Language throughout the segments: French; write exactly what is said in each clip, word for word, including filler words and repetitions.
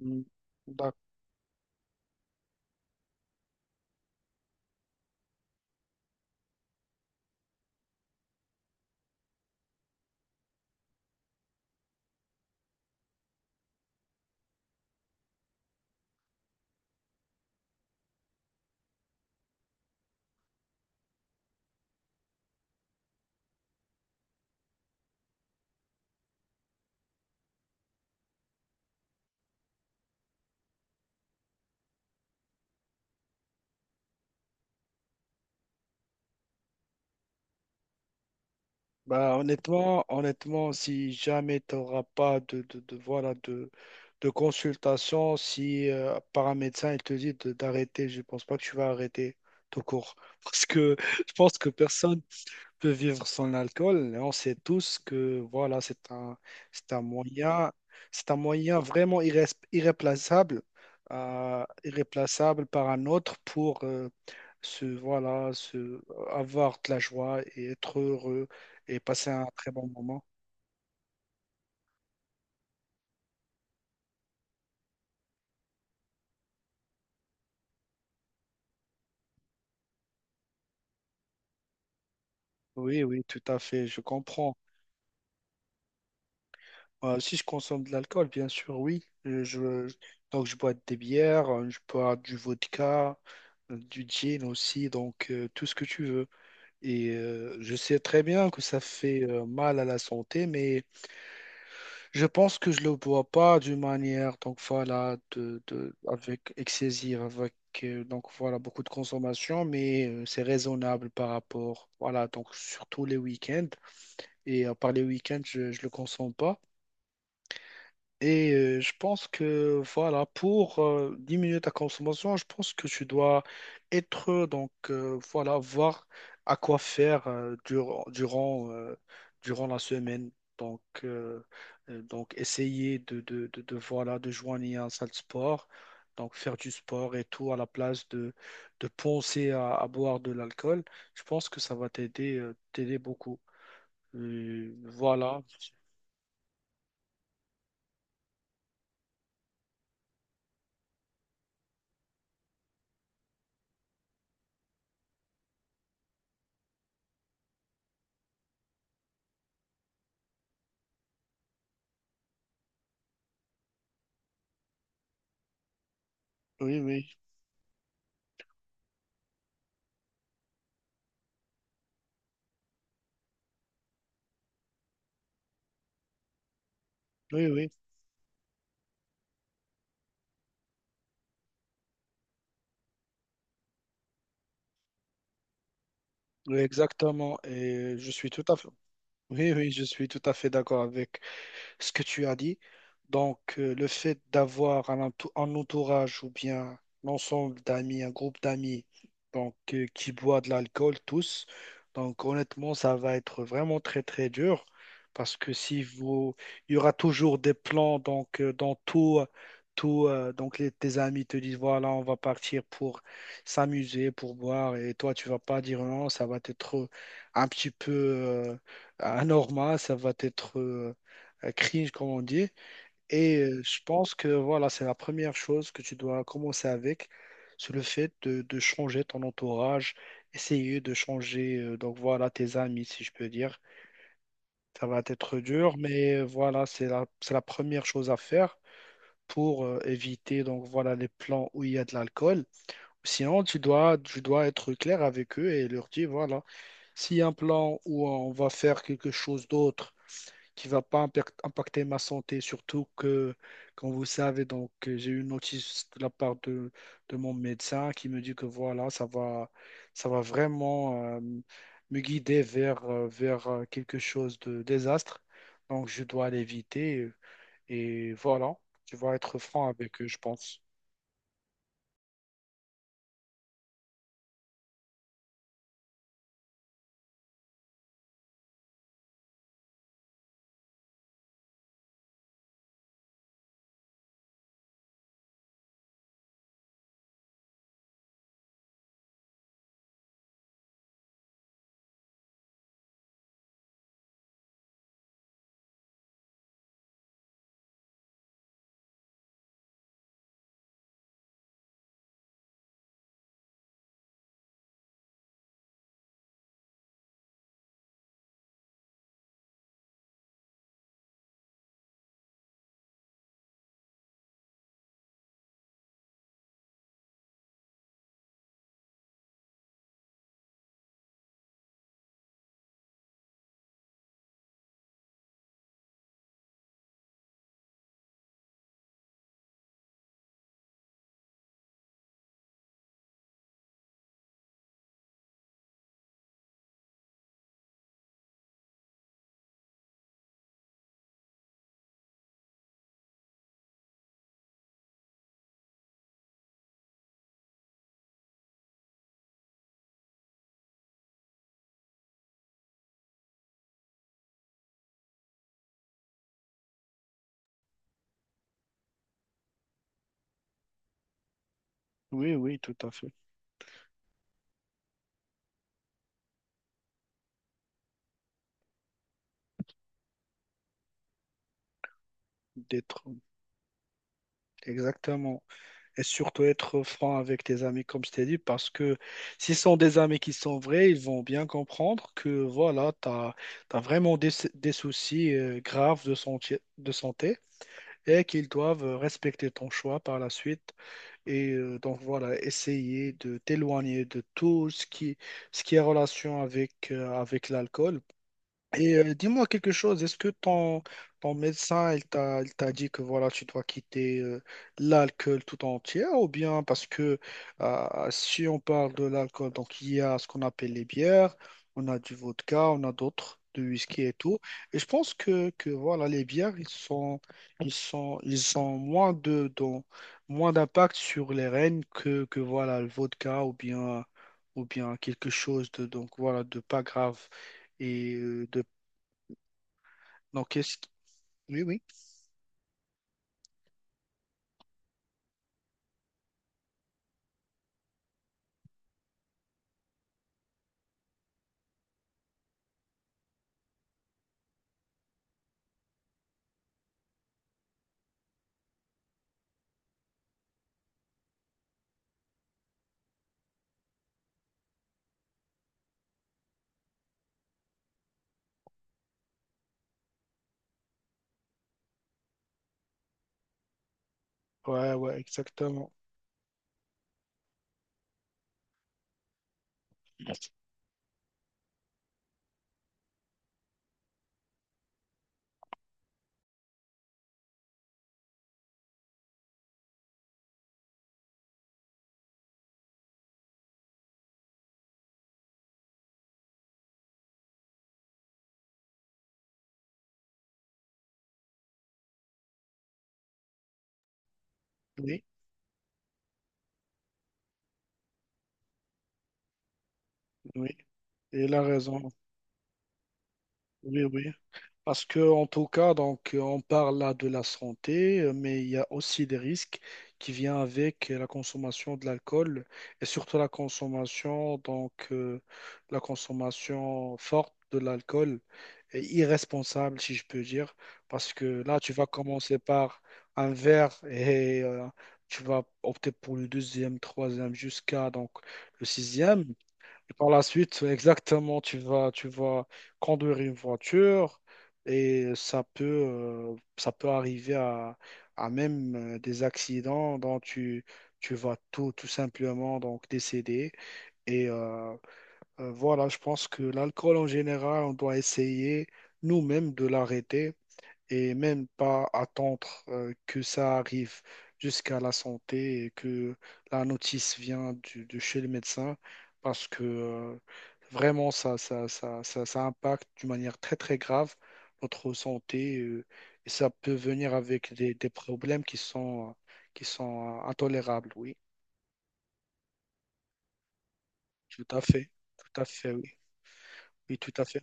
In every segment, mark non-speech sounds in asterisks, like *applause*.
Mm. D'accord. Bah, honnêtement, honnêtement, si jamais tu n'auras pas de, de, de- voilà, de, de consultation, si euh, par un médecin il te dit de- d'arrêter, je ne pense pas que tu vas arrêter tout court. *laughs* Parce que je pense que personne peut vivre sans l'alcool. Et on sait tous que voilà, c'est un, c'est un moyen, c'est un moyen vraiment irré- irréplaçable, euh, irréplaçable par un autre pour euh, se, voilà, se, avoir de la joie et être heureux et passer un très bon moment. Oui, oui, tout à fait, je comprends. Euh, si je consomme de l'alcool, bien sûr, oui. Euh, Je, je- donc, je bois des bières, euh, je bois du vodka, euh, du gin aussi, donc euh, tout ce que tu veux. Et euh, je sais très bien que ça fait euh, mal à la santé, mais je pense que je le bois pas d'une manière, donc voilà, de, de, avec excessive, avec euh, donc voilà beaucoup de consommation, mais euh, c'est raisonnable par rapport, voilà, donc surtout les week-ends. Et à part les week-ends, je je le consomme pas. Et euh, je pense que voilà, pour euh, diminuer ta consommation, je pense que tu dois être, donc euh, voilà, voir à quoi faire euh, durant, durant, euh, durant la semaine. Donc, euh, euh, donc essayer de, de, de, de, voilà, de joindre un salle de sport, donc faire du sport et tout, à la place de, de penser à, à boire de l'alcool. Je pense que ça va t'aider euh, t'aider beaucoup. Euh, voilà. Oui, oui, oui, oui, oui, Exactement. Et je suis tout à fait, oui, oui, je suis tout à fait d'accord avec ce que tu as dit. Donc, euh, le fait d'avoir un, entou- un entourage ou bien l'ensemble d'amis, un groupe d'amis, donc euh, qui boit de l'alcool tous, donc honnêtement, ça va être vraiment très très dur parce que si vous, il y aura toujours des plans donc euh, dans tout. Tout, euh, donc les- tes amis te disent voilà on va partir pour s'amuser pour boire et toi tu vas pas dire non, ça va être un petit peu euh, anormal, ça va être euh, euh, cringe, comme on dit. Et euh, je pense que voilà, c'est la première chose que tu dois commencer avec, c'est le fait de, de changer ton entourage, essayer de changer euh, donc voilà tes amis, si je peux dire. Ça va être dur, mais euh, voilà, c'est la, c'est la première chose à faire pour euh, éviter donc voilà les plans où il y a de l'alcool. Sinon, tu dois, tu dois être clair avec eux et leur dire voilà, s'il y a un plan où on va faire quelque chose d'autre, qui va pas impact- impacter ma santé, surtout que, comme vous savez, donc euh, j'ai eu une notice de la part de, de mon médecin qui me dit que voilà, ça va, ça va vraiment euh, me guider vers, euh, vers euh, quelque chose de désastre. Donc je dois l'éviter et et voilà, tu vas être franc avec eux, je pense. Oui, oui, tout à fait. D'être exactement. Et surtout être franc avec tes amis, comme je t'ai dit, parce que s'ils sont des amis qui sont vrais, ils vont bien comprendre que voilà, tu as vraiment des, des soucis euh, graves de santé, de santé et qu'ils doivent euh, respecter ton choix par la suite. Et euh, donc voilà, essayer de t'éloigner de tout ce qui, ce qui est relation avec, euh, avec l'alcool et euh, dis-moi quelque chose, est-ce que ton, ton médecin, il t'a, il t'a dit que voilà, tu dois quitter euh, l'alcool tout entier, ou bien parce que euh, si on parle de l'alcool, donc il y a ce qu'on appelle les bières, on a du vodka, on a d'autres, du whisky et tout. Et je pense que, que voilà, les bières, ils sont, ils sont, ils ont moins de, d'ont- moins d'impact sur les reins que, que voilà, le vodka ou bien, ou bien quelque chose de, donc voilà, de pas grave et euh, de donc, est-ce que- Oui, oui. Ouais, ouais, exactement. Oui, oui. Et il a raison. Oui, oui. Parce que, en tout cas, donc, on parle là de la santé, euh, mais il y a aussi des risques qui viennent avec la consommation de l'alcool et surtout la consommation, donc, euh, la consommation forte de l'alcool et irresponsable, si je peux dire. Parce que là, tu vas commencer par un verre et euh, tu vas opter pour le deuxième, troisième, jusqu'à donc le sixième. Et par la suite, exactement, tu vas, tu vas conduire une voiture et ça peut, euh, ça peut arriver à, à même euh, des accidents dont tu, tu vas tout, tout simplement donc décéder. Et euh, euh, voilà, je pense que l'alcool en général, on doit essayer nous-mêmes de l'arrêter et même pas attendre euh, que ça arrive jusqu'à la santé et que la notice vient du- de chez le médecin parce que euh, vraiment ça, ça, ça, ça, ça impacte d'une manière très très grave notre santé euh, et ça peut venir avec des, des problèmes qui sont, qui sont euh, intolérables, oui, tout à fait, tout à fait, oui, oui, tout à fait.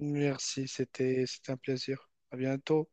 Merci, c'était, c'était un plaisir. À bientôt.